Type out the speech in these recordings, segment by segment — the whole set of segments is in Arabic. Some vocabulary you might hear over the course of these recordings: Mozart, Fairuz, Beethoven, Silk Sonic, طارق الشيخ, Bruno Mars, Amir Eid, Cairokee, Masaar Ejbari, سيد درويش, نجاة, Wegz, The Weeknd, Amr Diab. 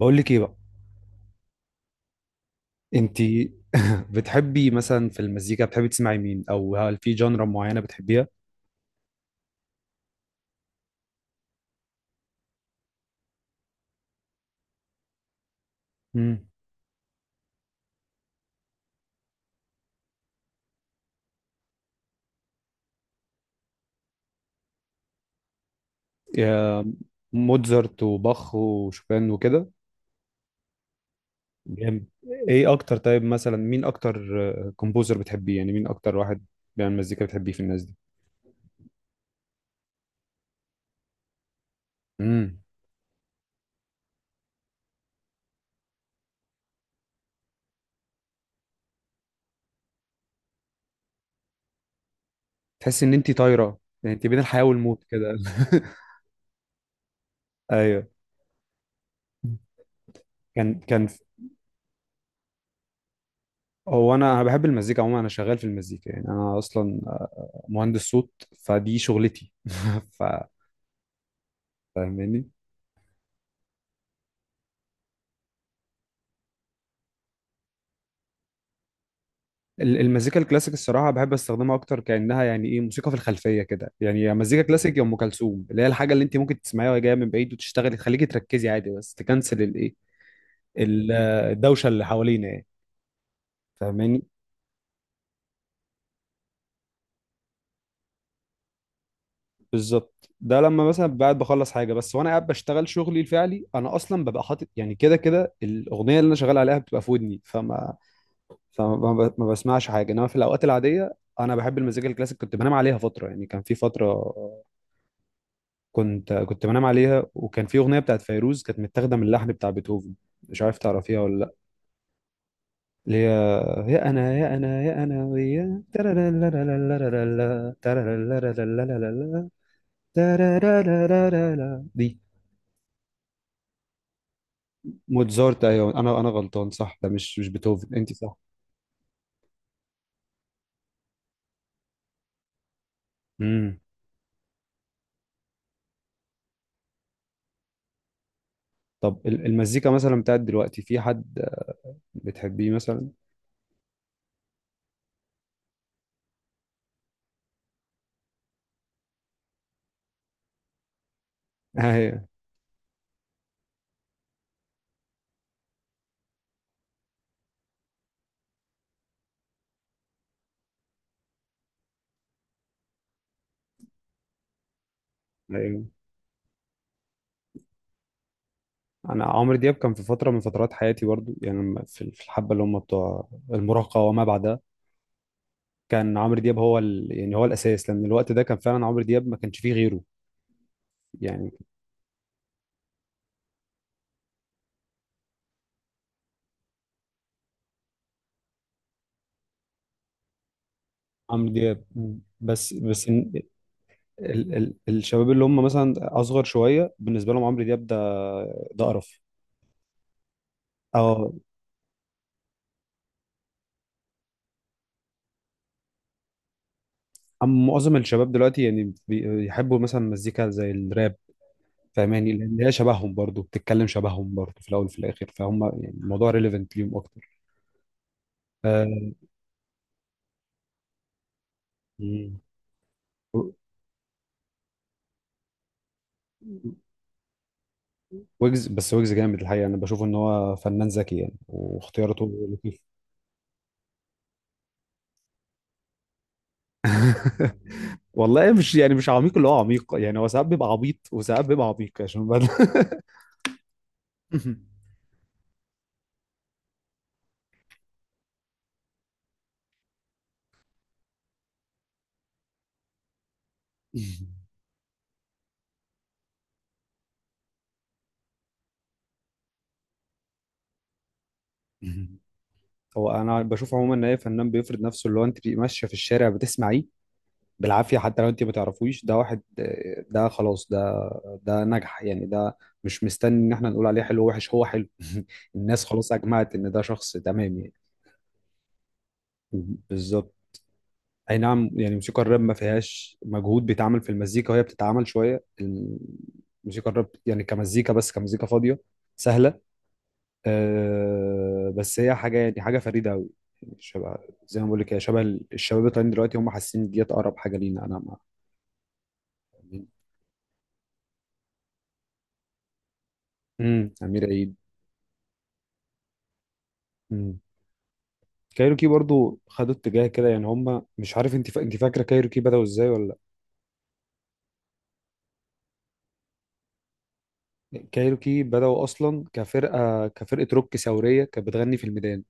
بقول لك ايه بقى. انت. بتحبي مثلا في المزيكا، بتحبي تسمعي مين او هل في جانرا معينه بتحبيها؟ امم. يا. موتزارت وباخ وشوبان وكده. جامد. ايه اكتر، طيب مثلا مين اكتر كومبوزر بتحبيه، يعني مين اكتر واحد بيعمل مزيكا بتحبيه في الناس دي؟ امم. تحسي ان انت طايره، يعني انت بين الحياه والموت كده. ايوه. كان. هو انا بحب المزيكا عموما، انا شغال في المزيكا يعني، انا اصلا مهندس صوت، فدي شغلتي. ف فاهماني؟ المزيكا الكلاسيك الصراحة بحب استخدمها أكتر، كأنها يعني إيه موسيقى في الخلفية كده، يعني يا مزيكا كلاسيك يا أم كلثوم، اللي هي الحاجة اللي أنت ممكن تسمعيها وهي جاية من بعيد وتشتغلي تخليكي تركزي عادي، بس تكنسل الإيه، ال- الدوشة اللي حوالينا يعني. فاهماني؟ بالظبط، ده لما مثلا قاعد بخلص حاجة بس، وأنا قاعد بشتغل شغلي الفعلي، أنا أصلا ببقى حاطط يعني كده كده الأغنية اللي أنا شغال عليها بتبقى في ودني، فما فما ما ما بسمعش حاجة. إنما في الأوقات العادية أنا بحب المزيكا الكلاسيك، كنت بنام عليها فترة، يعني كان في فترة كنت بنام عليها، وكان في اغنيه بتاعت فيروز كانت متاخده من اللحن بتاع بيتهوفن، مش عارف تعرفيها ولا لا، اللي هي يا انا يا انا يا انا ويا ترارارارارارارا، ترارارارارارارا، ترارارارارارا. دي موتزارت، ايوه، انا غلطان، صح، ده مش بيتهوفن، انت صح. امم. طب، المزيكا مثلا بتاعت دلوقتي، في حد بتحبيه مثلا؟ ايوه، ايوه. انا عمرو دياب كان في فتره من فترات حياتي برضو، يعني في الحبه اللي هم بتوع المراهقه وما بعدها، كان عمرو دياب هو يعني هو الاساس، لان الوقت ده كان فعلا عمرو دياب، ما كانش فيه غيره يعني. عمرو دياب. مم. بس الشباب اللي هم مثلا اصغر شويه، بالنسبه لهم عمرو دياب ده قرف. اه. أما معظم الشباب دلوقتي يعني بيحبوا مثلا مزيكا زي الراب، فاهماني، لان هي شبههم برضو بتتكلم، شبههم برضو في الاول وفي الاخر، فهم يعني الموضوع ريليفنت ليهم اكتر. آه، مم. ويجز، بس ويجز جامد الحقيقه، انا بشوف ان هو فنان ذكي يعني، واختياراته لطيفه. والله مش يعني مش عميق، اللي هو عميق، يعني هو ساعات بيبقى عبيط وساعات بيبقى عميق عشان هو انا بشوف عموما ان اي فنان بيفرض نفسه، اللي هو انت بتبقي ماشيه في الشارع بتسمعيه بالعافيه، حتى لو انت ما تعرفوش، ده واحد، ده خلاص، ده نجح يعني، ده مش مستني ان احنا نقول عليه حلو وحش، هو حلو. الناس خلاص اجمعت ان ده شخص تمام يعني. بالظبط. اي نعم، يعني الموسيقى الراب ما فيهاش مجهود بيتعمل في المزيكا، وهي بتتعمل شويه، الموسيقى الراب يعني كمزيكا، بس كمزيكا فاضيه سهله. أه، بس هي حاجه، يعني حاجه فريده قوي، شبه، زي ما بقول لك، هي شبه الشباب الطالعين دلوقتي، هم حاسين ديت اقرب حاجه لينا، انا مع. امم. امير عيد. امم. كايروكي برضو خدوا اتجاه كده، يعني هم، مش عارف، انت انت فاكره كايروكي بداوا ازاي ولا؟ لا، كايروكي بداوا اصلا كفرقه كفرقه روك ثوريه، كانت بتغني في الميدان،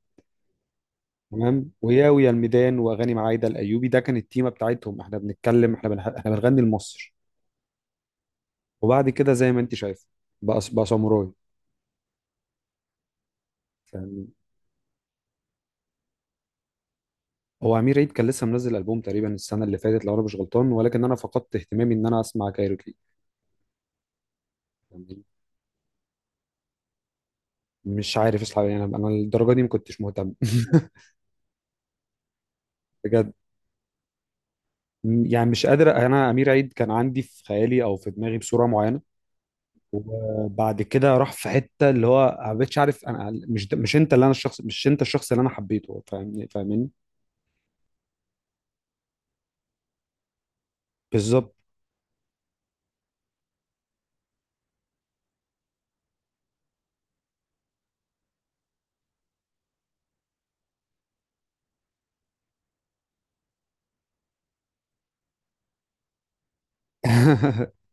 تمام، وياويا الميدان واغاني معايده الايوبي، ده كان التيمه بتاعتهم، احنا بنتكلم، احنا بنغني لمصر. وبعد كده زي ما انت شايف، بقى ساموراي. يعني هو امير عيد كان لسه منزل البوم تقريبا السنه اللي فاتت، لو انا مش غلطان، ولكن انا فقدت اهتمامي ان انا اسمع كايروكي يعني، مش عارف اصلا يعني، انا الدرجه دي ما كنتش مهتم. بجد، يعني مش قادر، انا امير عيد كان عندي في خيالي او في دماغي بصوره معينه، وبعد كده راح في حته اللي هو ما بقتش عارف، انا مش، ده مش انت اللي انا، الشخص مش انت، الشخص اللي انا حبيته. فاهمني؟ فاهمني؟ بالظبط.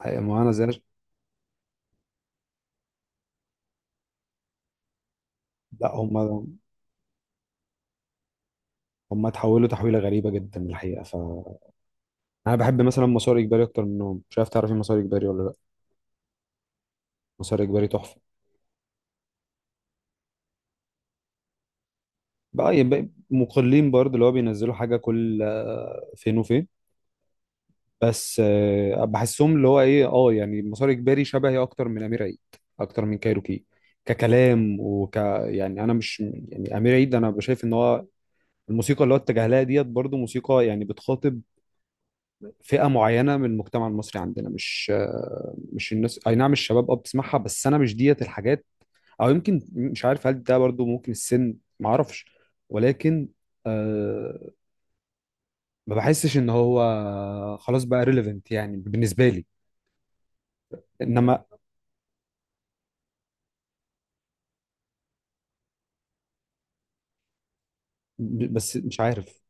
حقيقة ما انا زي. لا، هم اتحولوا تحويله غريبه جدا الحقيقه. انا بحب مثلا مسار اجباري اكتر منهم، مش عارف تعرفي مسار اجباري ولا لا؟ مسار اجباري تحفه. بقى يبقى مقلين برضه، اللي هو بينزلوا حاجه كل فين وفين. بس بحسهم اللي هو ايه، اه يعني مسار اجباري شبهي اكتر من امير عيد اكتر من كايروكي ككلام وك. يعني انا مش يعني امير عيد، انا بشايف ان هو الموسيقى اللي هو اتجه لها ديت، برضه موسيقى يعني بتخاطب فئه معينه من المجتمع المصري عندنا، مش الناس، اي نعم الشباب اه بتسمعها، بس انا مش ديت الحاجات، او يمكن مش عارف، هل ده برضه ممكن السن؟ معرفش، ولكن أه ما بحسش ان هو خلاص بقى ريليفنت يعني بالنسبه لي. انما بس مش عارف.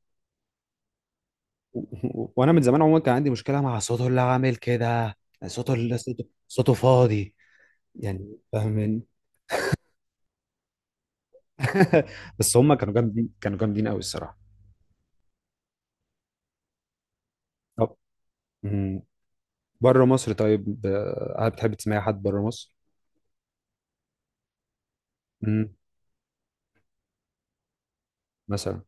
وانا من زمان عموما كان عندي مشكله مع صوته اللي عامل كده، يعني صوته اللي صوته صوته فاضي يعني، فاهمين؟ بس هم كانوا جامدين، كانوا جامدين قوي الصراحه. طب. مم. بره مصر طيب، هل بتحب تسمعي حد بره مصر؟ مم. مثلا.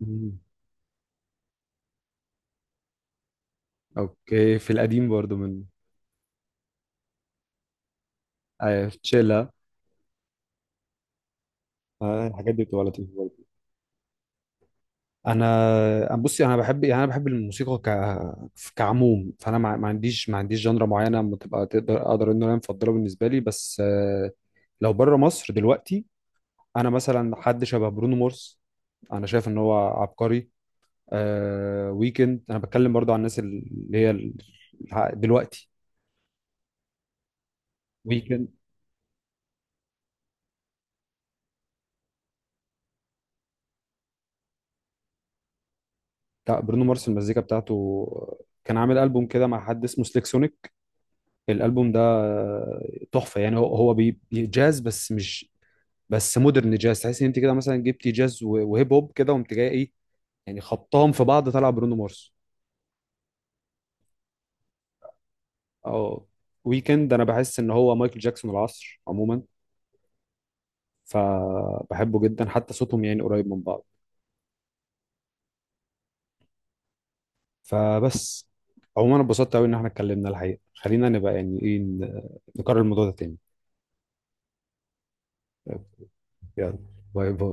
مم. اوكي، في القديم برضو من في تشيلا. الحاجات دي بتبقى لطيفه. انا بصي، انا بحب يعني، انا بحب الموسيقى كعموم، فانا ما عنديش جنرا معينه بتبقى تقدر اقدر ان انا مفضله بالنسبه لي، بس لو بره مصر دلوقتي، انا مثلا حد شبه برونو مارس، انا شايف ان هو عبقري. ويكند انا بتكلم برضو عن الناس اللي هي دلوقتي. ويكند بتاع برونو مارس، المزيكا بتاعته كان عامل ألبوم كده مع حد اسمه سليك سونيك، الألبوم ده تحفة يعني، هو جاز، بس مش بس مودرن جاز، تحس ان انت كده مثلا جبتي جاز وهيب هوب كده، وقمت جاي ايه، يعني خبطهم في بعض طلع برونو مارس. اه، ويكند انا بحس ان هو مايكل جاكسون العصر عموما، فبحبه جدا، حتى صوتهم يعني قريب من بعض. فبس. عموما أنا اتبسطت قوي ان احنا اتكلمنا الحقيقه، خلينا نبقى يعني ايه، نكرر الموضوع ده تاني. يلا، باي باي.